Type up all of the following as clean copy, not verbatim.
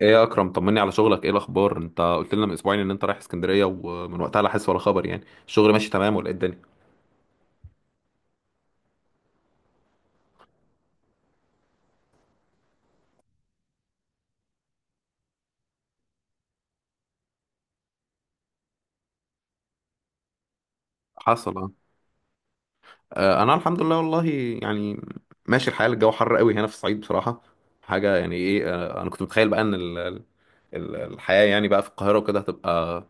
ايه يا اكرم، طمني على شغلك، ايه الاخبار؟ انت قلت لنا من اسبوعين ان انت رايح اسكندريه ومن وقتها لا حس ولا خبر. يعني الشغل ماشي تمام ولا ايه الدنيا؟ حصل اه. انا الحمد لله والله، يعني ماشي الحال. الجو حر قوي هنا في الصعيد بصراحه حاجه، يعني ايه انا كنت متخيل بقى ان الحياه يعني بقى في القاهره وكده هتبقى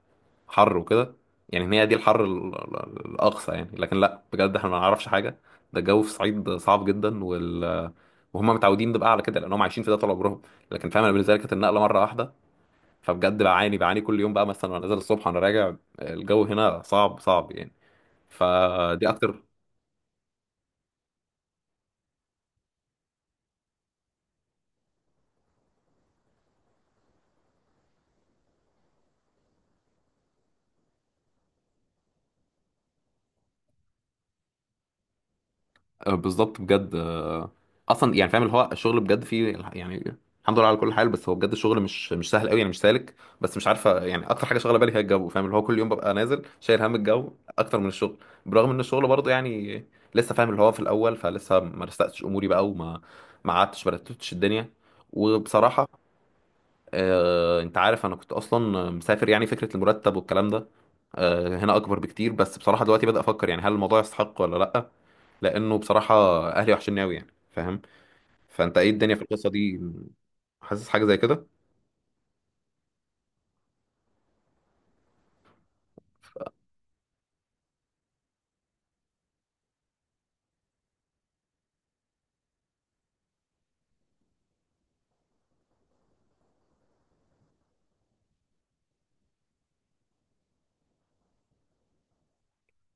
حر وكده. يعني ان هي دي الحر الاقصى يعني، لكن لا بجد احنا ما نعرفش حاجه. ده الجو في الصعيد صعب جدا، وهم متعودين ده بقى على كده لانهم عايشين في ده طول عمرهم، لكن فاهم انا بالنسبه لي كانت النقله مره واحده. فبجد بعاني بعاني كل يوم بقى مثلا، وانا نازل الصبح وانا راجع الجو هنا صعب صعب يعني، فدي اكتر. بالظبط بجد، اصلا يعني فاهم اللي هو الشغل بجد فيه يعني الحمد لله على كل حال. بس هو بجد الشغل مش سهل قوي يعني، مش سالك، بس مش عارفه يعني. اكتر حاجه شغاله بالي هي الجو. فاهم اللي هو كل يوم ببقى نازل شايل هم الجو اكتر من الشغل، برغم ان الشغل برضه يعني لسه. فاهم اللي هو في الاول، فلسه ما رستقتش اموري بقى، وما ما قعدتش، ما رتبتش الدنيا وبصراحه. انت عارف انا كنت اصلا مسافر يعني، فكره المرتب والكلام ده هنا اكبر بكتير، بس بصراحه دلوقتي بدأ افكر يعني هل الموضوع يستحق ولا لا، لانه بصراحه اهلي وحشني قوي يعني فاهم. فانت ايه الدنيا في القصه دي؟ حاسس حاجه زي كده.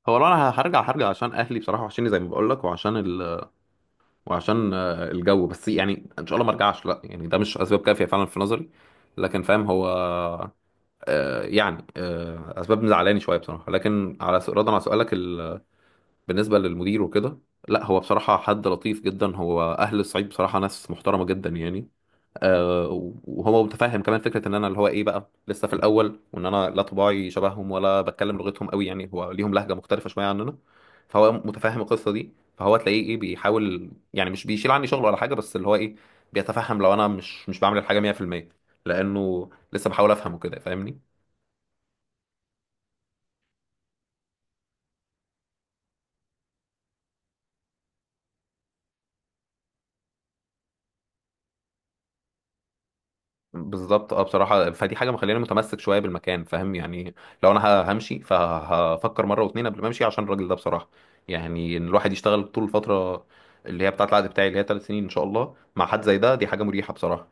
هو لو انا هرجع هرجع عشان اهلي بصراحه، وحشني زي ما بقول لك، وعشان الجو، بس يعني ان شاء الله ما ارجعش لا، يعني ده مش اسباب كافيه فعلا في نظري، لكن فاهم هو يعني اسباب مزعلاني شويه بصراحه. لكن على ردا على سؤالك، بالنسبة للمدير وكده، لا هو بصراحة حد لطيف جدا. هو أهل الصعيد بصراحة ناس محترمة جدا يعني. آه. وهو متفهم كمان فكرة إن أنا اللي هو إيه بقى لسه في الأول، وإن أنا لا طباعي شبههم ولا بتكلم لغتهم قوي يعني، هو ليهم لهجة مختلفة شوية عننا. فهو متفهم القصة دي، فهو تلاقيه إيه بيحاول يعني، مش بيشيل عني شغل ولا حاجة، بس اللي هو إيه بيتفهم لو أنا مش بعمل الحاجة 100%، لأنه لسه بحاول أفهم وكده فاهمني. بالظبط اه، بصراحة فدي حاجة مخليني متمسك شوية بالمكان فاهم يعني. لو انا همشي، فهفكر مرة واتنين قبل ما امشي عشان الراجل ده بصراحة. يعني ان الواحد يشتغل طول الفترة اللي هي بتاعة العقد بتاعي اللي هي 3 سنين ان شاء الله مع حد زي ده، دي حاجة مريحة بصراحة.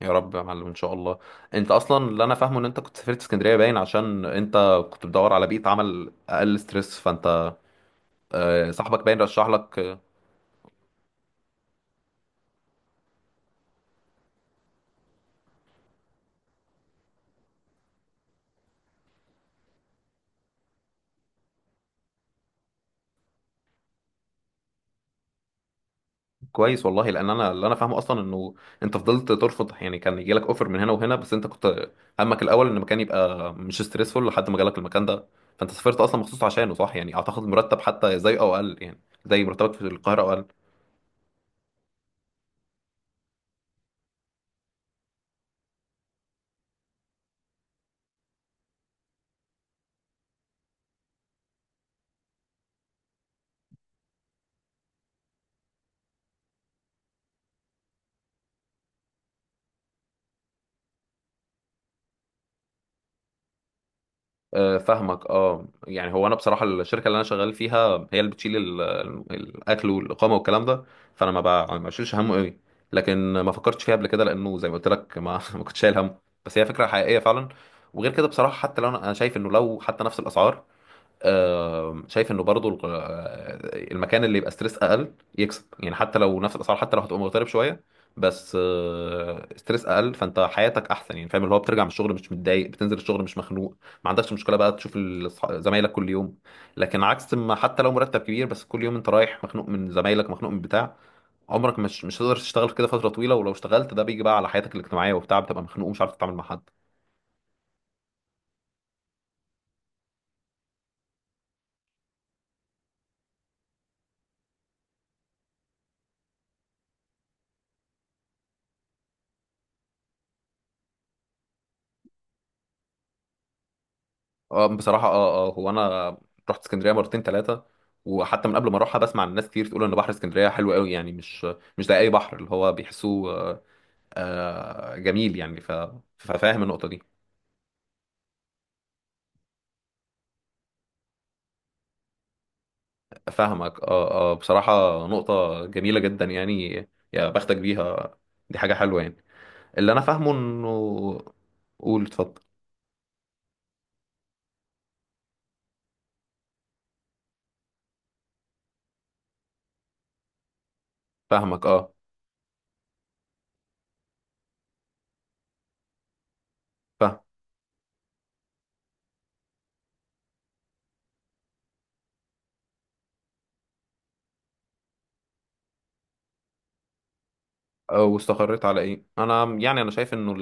يا رب يا معلم ان شاء الله. انت اصلا اللي انا فاهمه ان انت كنت سافرت اسكندرية باين عشان انت كنت بتدور على بيئة عمل اقل ستريس، فانت صاحبك باين رشح لك. كويس والله، لان انا اللي انا فاهمه اصلا انه انت فضلت ترفض يعني، كان يجي لك اوفر من هنا وهنا، بس انت كنت همك الاول ان المكان يبقى مش ستريسفول لحد ما جالك المكان ده، فانت سافرت اصلا مخصوص عشانه صح يعني. اعتقد مرتب حتى زي او اقل يعني، زي مرتبك في القاهره او اقل. فاهمك اه، يعني هو انا بصراحه الشركه اللي انا شغال فيها هي اللي بتشيل الاكل والاقامه والكلام ده، فانا ما بشيلش همه قوي، لكن ما فكرتش فيها قبل كده، لانه زي ما قلت لك ما ما كنتش شايل همه. بس هي فكره حقيقيه فعلا. وغير كده بصراحه، حتى لو انا أنا شايف انه لو حتى نفس الاسعار، شايف انه برضو المكان اللي يبقى ستريس اقل يكسب يعني، حتى لو نفس الاسعار، حتى لو هتبقى مغترب شويه، بس ستريس اقل، فانت حياتك احسن يعني. فاهم اللي هو بترجع من الشغل مش متضايق، بتنزل الشغل مش مخنوق، ما عندكش مشكله بقى تشوف زمايلك كل يوم. لكن عكس ما، حتى لو مرتب كبير، بس كل يوم انت رايح مخنوق من زمايلك، مخنوق من بتاع، عمرك مش هتقدر تشتغل كده فتره طويله. ولو اشتغلت ده بيجي بقى على حياتك الاجتماعيه وبتاع، بتبقى مخنوق ومش عارف تتعامل مع حد. اه بصراحة اه اه، هو انا رحت اسكندرية مرتين ثلاثة، وحتى من قبل ما اروحها بسمع عن ناس كتير تقول ان بحر اسكندرية حلو قوي يعني، مش مش زي اي بحر. اللي هو بيحسوه جميل يعني. ففاهم النقطة دي. فاهمك اه اه بصراحة، نقطة جميلة جدا يعني، يا بختك بيها، دي حاجة حلوة يعني. اللي انا فاهمه انه، قول اتفضل. فاهمك اه، فاهم. واستقريت على ايه انا يعني؟ انا شايف انه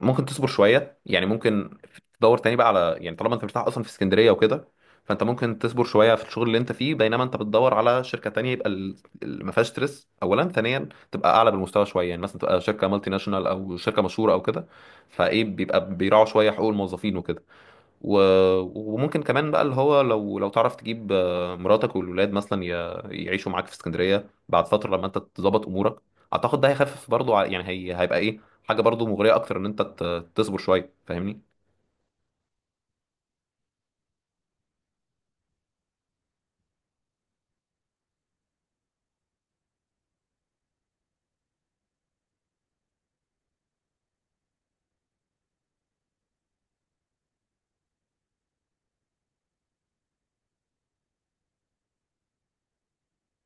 ممكن تصبر شويه يعني، ممكن تدور تاني بقى على يعني، طالما انت مرتاح اصلا في اسكندريه وكده، فانت ممكن تصبر شويه في الشغل اللي انت فيه بينما انت بتدور على شركه تانية، يبقى ما فيهاش ستريس اولا، ثانيا تبقى اعلى بالمستوى شويه يعني، مثلا تبقى شركه مالتي ناشونال او شركه مشهوره او كده، فايه بيبقى بيراعوا شويه حقوق الموظفين وكده. و... وممكن كمان بقى اللي هو لو تعرف تجيب مراتك والولاد مثلا ي... يعيشوا معاك في اسكندريه بعد فتره لما انت تظبط امورك. اعتقد ده هيخفف برضو يعني هي... هيبقى ايه حاجه برضو مغريه اكتر ان انت ت... تصبر شويه فاهمني.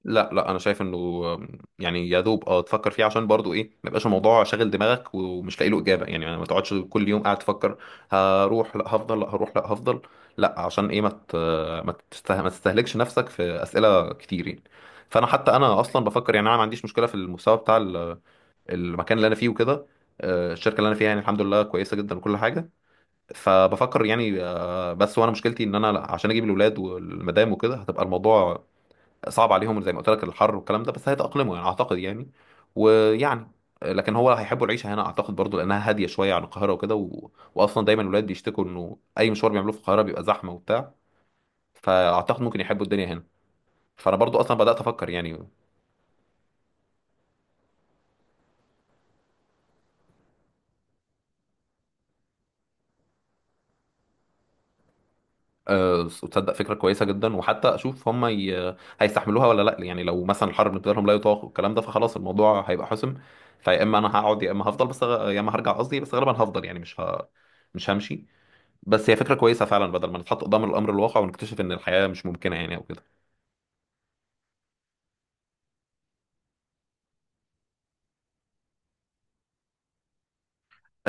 لا لا انا شايف انه يعني يا دوب اه تفكر فيه عشان برضو ايه ما يبقاش الموضوع شاغل دماغك ومش لاقي له اجابه يعني، ما تقعدش كل يوم قاعد تفكر هروح لا هفضل لا هروح لا هفضل، لا عشان ايه ما تستهلكش نفسك في اسئله كتير يعني. فانا حتى انا اصلا بفكر يعني، انا ما عنديش مشكله في المستوى بتاع المكان اللي انا فيه وكده. الشركه اللي انا فيها يعني الحمد لله كويسه جدا وكل حاجه. فبفكر يعني بس وانا مشكلتي ان انا لا، عشان اجيب الاولاد والمدام وكده، هتبقى الموضوع صعب عليهم زي ما قلت لك، الحر والكلام ده، بس هيتأقلموا يعني اعتقد يعني ويعني. لكن هو هيحبوا العيشه هنا اعتقد برضو، لانها هاديه شويه عن القاهره وكده، و... واصلا دايما الولاد بيشتكوا انه اي مشوار بيعملوه في القاهره بيبقى زحمه وبتاع، فاعتقد ممكن يحبوا الدنيا هنا. فانا برضو اصلا بدات افكر يعني. أه، تصدق فكره كويسه جدا، وحتى اشوف هم ي... هيستحملوها ولا لا يعني. لو مثلا الحر بالنسبه لهم لا يطاق والكلام ده، فخلاص الموضوع هيبقى حسم. فيا اما انا هقعد يا اما هفضل بس يا اما هرجع قصدي، بس غالبا هفضل يعني، مش ه... مش همشي. بس هي فكرة كويسة فعلا، بدل ما نتحط قدام الأمر الواقع ونكتشف إن الحياة مش ممكنة يعني، أو كده.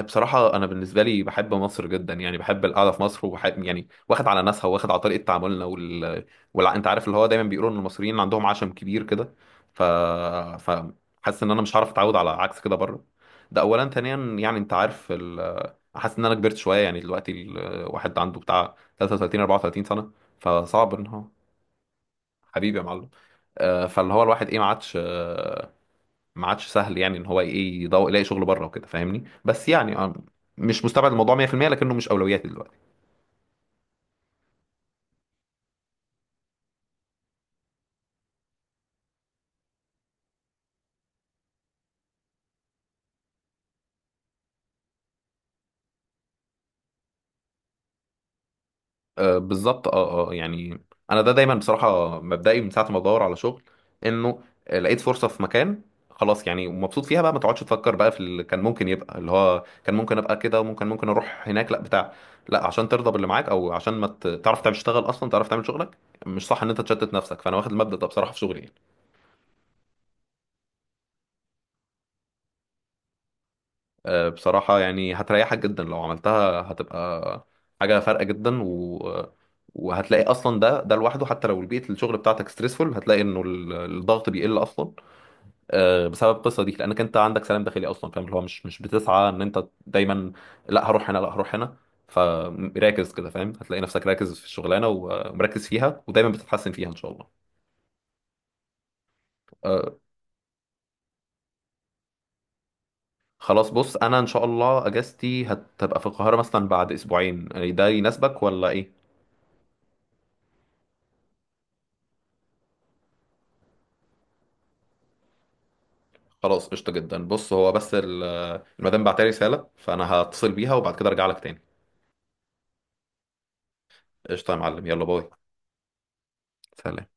بصراحة أنا بالنسبة لي بحب مصر جدا يعني، بحب القعدة في مصر وبحب يعني، واخد على ناسها، واخد على طريقة تعاملنا أنت عارف اللي هو دايما بيقولوا إن المصريين عندهم عشم كبير كده، ف ف حاسس إن أنا مش هعرف أتعود على عكس كده بره. ده أولا، ثانيا يعني أنت عارف حاسس إن أنا كبرت شوية يعني، دلوقتي الواحد عنده بتاع 33 34 سنة، فصعب إن هو. حبيبي يا معلم. فاللي هو الواحد إيه، ما عادش سهل يعني، ان هو ايه يدور يلاقي شغل بره وكده فاهمني. بس يعني مش مستبعد الموضوع 100%، لكنه مش اولوياتي دلوقتي. آه بالظبط اه اه يعني، انا ده دايما بصراحه مبدئي من ساعه ما بدور على شغل انه لقيت فرصه في مكان خلاص يعني، ومبسوط فيها بقى ما تقعدش تفكر بقى في اللي كان ممكن يبقى، اللي هو كان ممكن ابقى كده، وممكن اروح هناك لا بتاع. لا عشان ترضى باللي معاك او عشان ما ت- تعرف تعمل تشتغل اصلا، تعرف تعمل شغلك، مش صح ان انت تشتت نفسك. فانا واخد المبدأ ده بصراحه في شغلي يعني. بصراحة يعني هتريحك جدا لو عملتها، هتبقى حاجة فارقة جدا و... وهتلاقي أصلا ده لوحده، حتى لو بيئة الشغل بتاعتك ستريسفول هتلاقي إنه الضغط بيقل أصلا بسبب القصة دي، لأنك أنت عندك سلام داخلي أصلا. فاهم اللي هو مش بتسعى إن أنت دايما لا هروح هنا لا هروح هنا، فراكز كده. فاهم هتلاقي نفسك راكز في الشغلانة ومركز فيها، ودايما بتتحسن فيها إن شاء الله. آه، خلاص بص، أنا إن شاء الله أجازتي هتبقى في القاهرة مثلا بعد أسبوعين يعني، ده يناسبك ولا إيه؟ خلاص قشطة جدا، بص هو بس المدام بعتلي رسالة، فأنا هتصل بيها وبعد كده أرجع لك تاني. قشطة يا معلم، يلا باي. سلام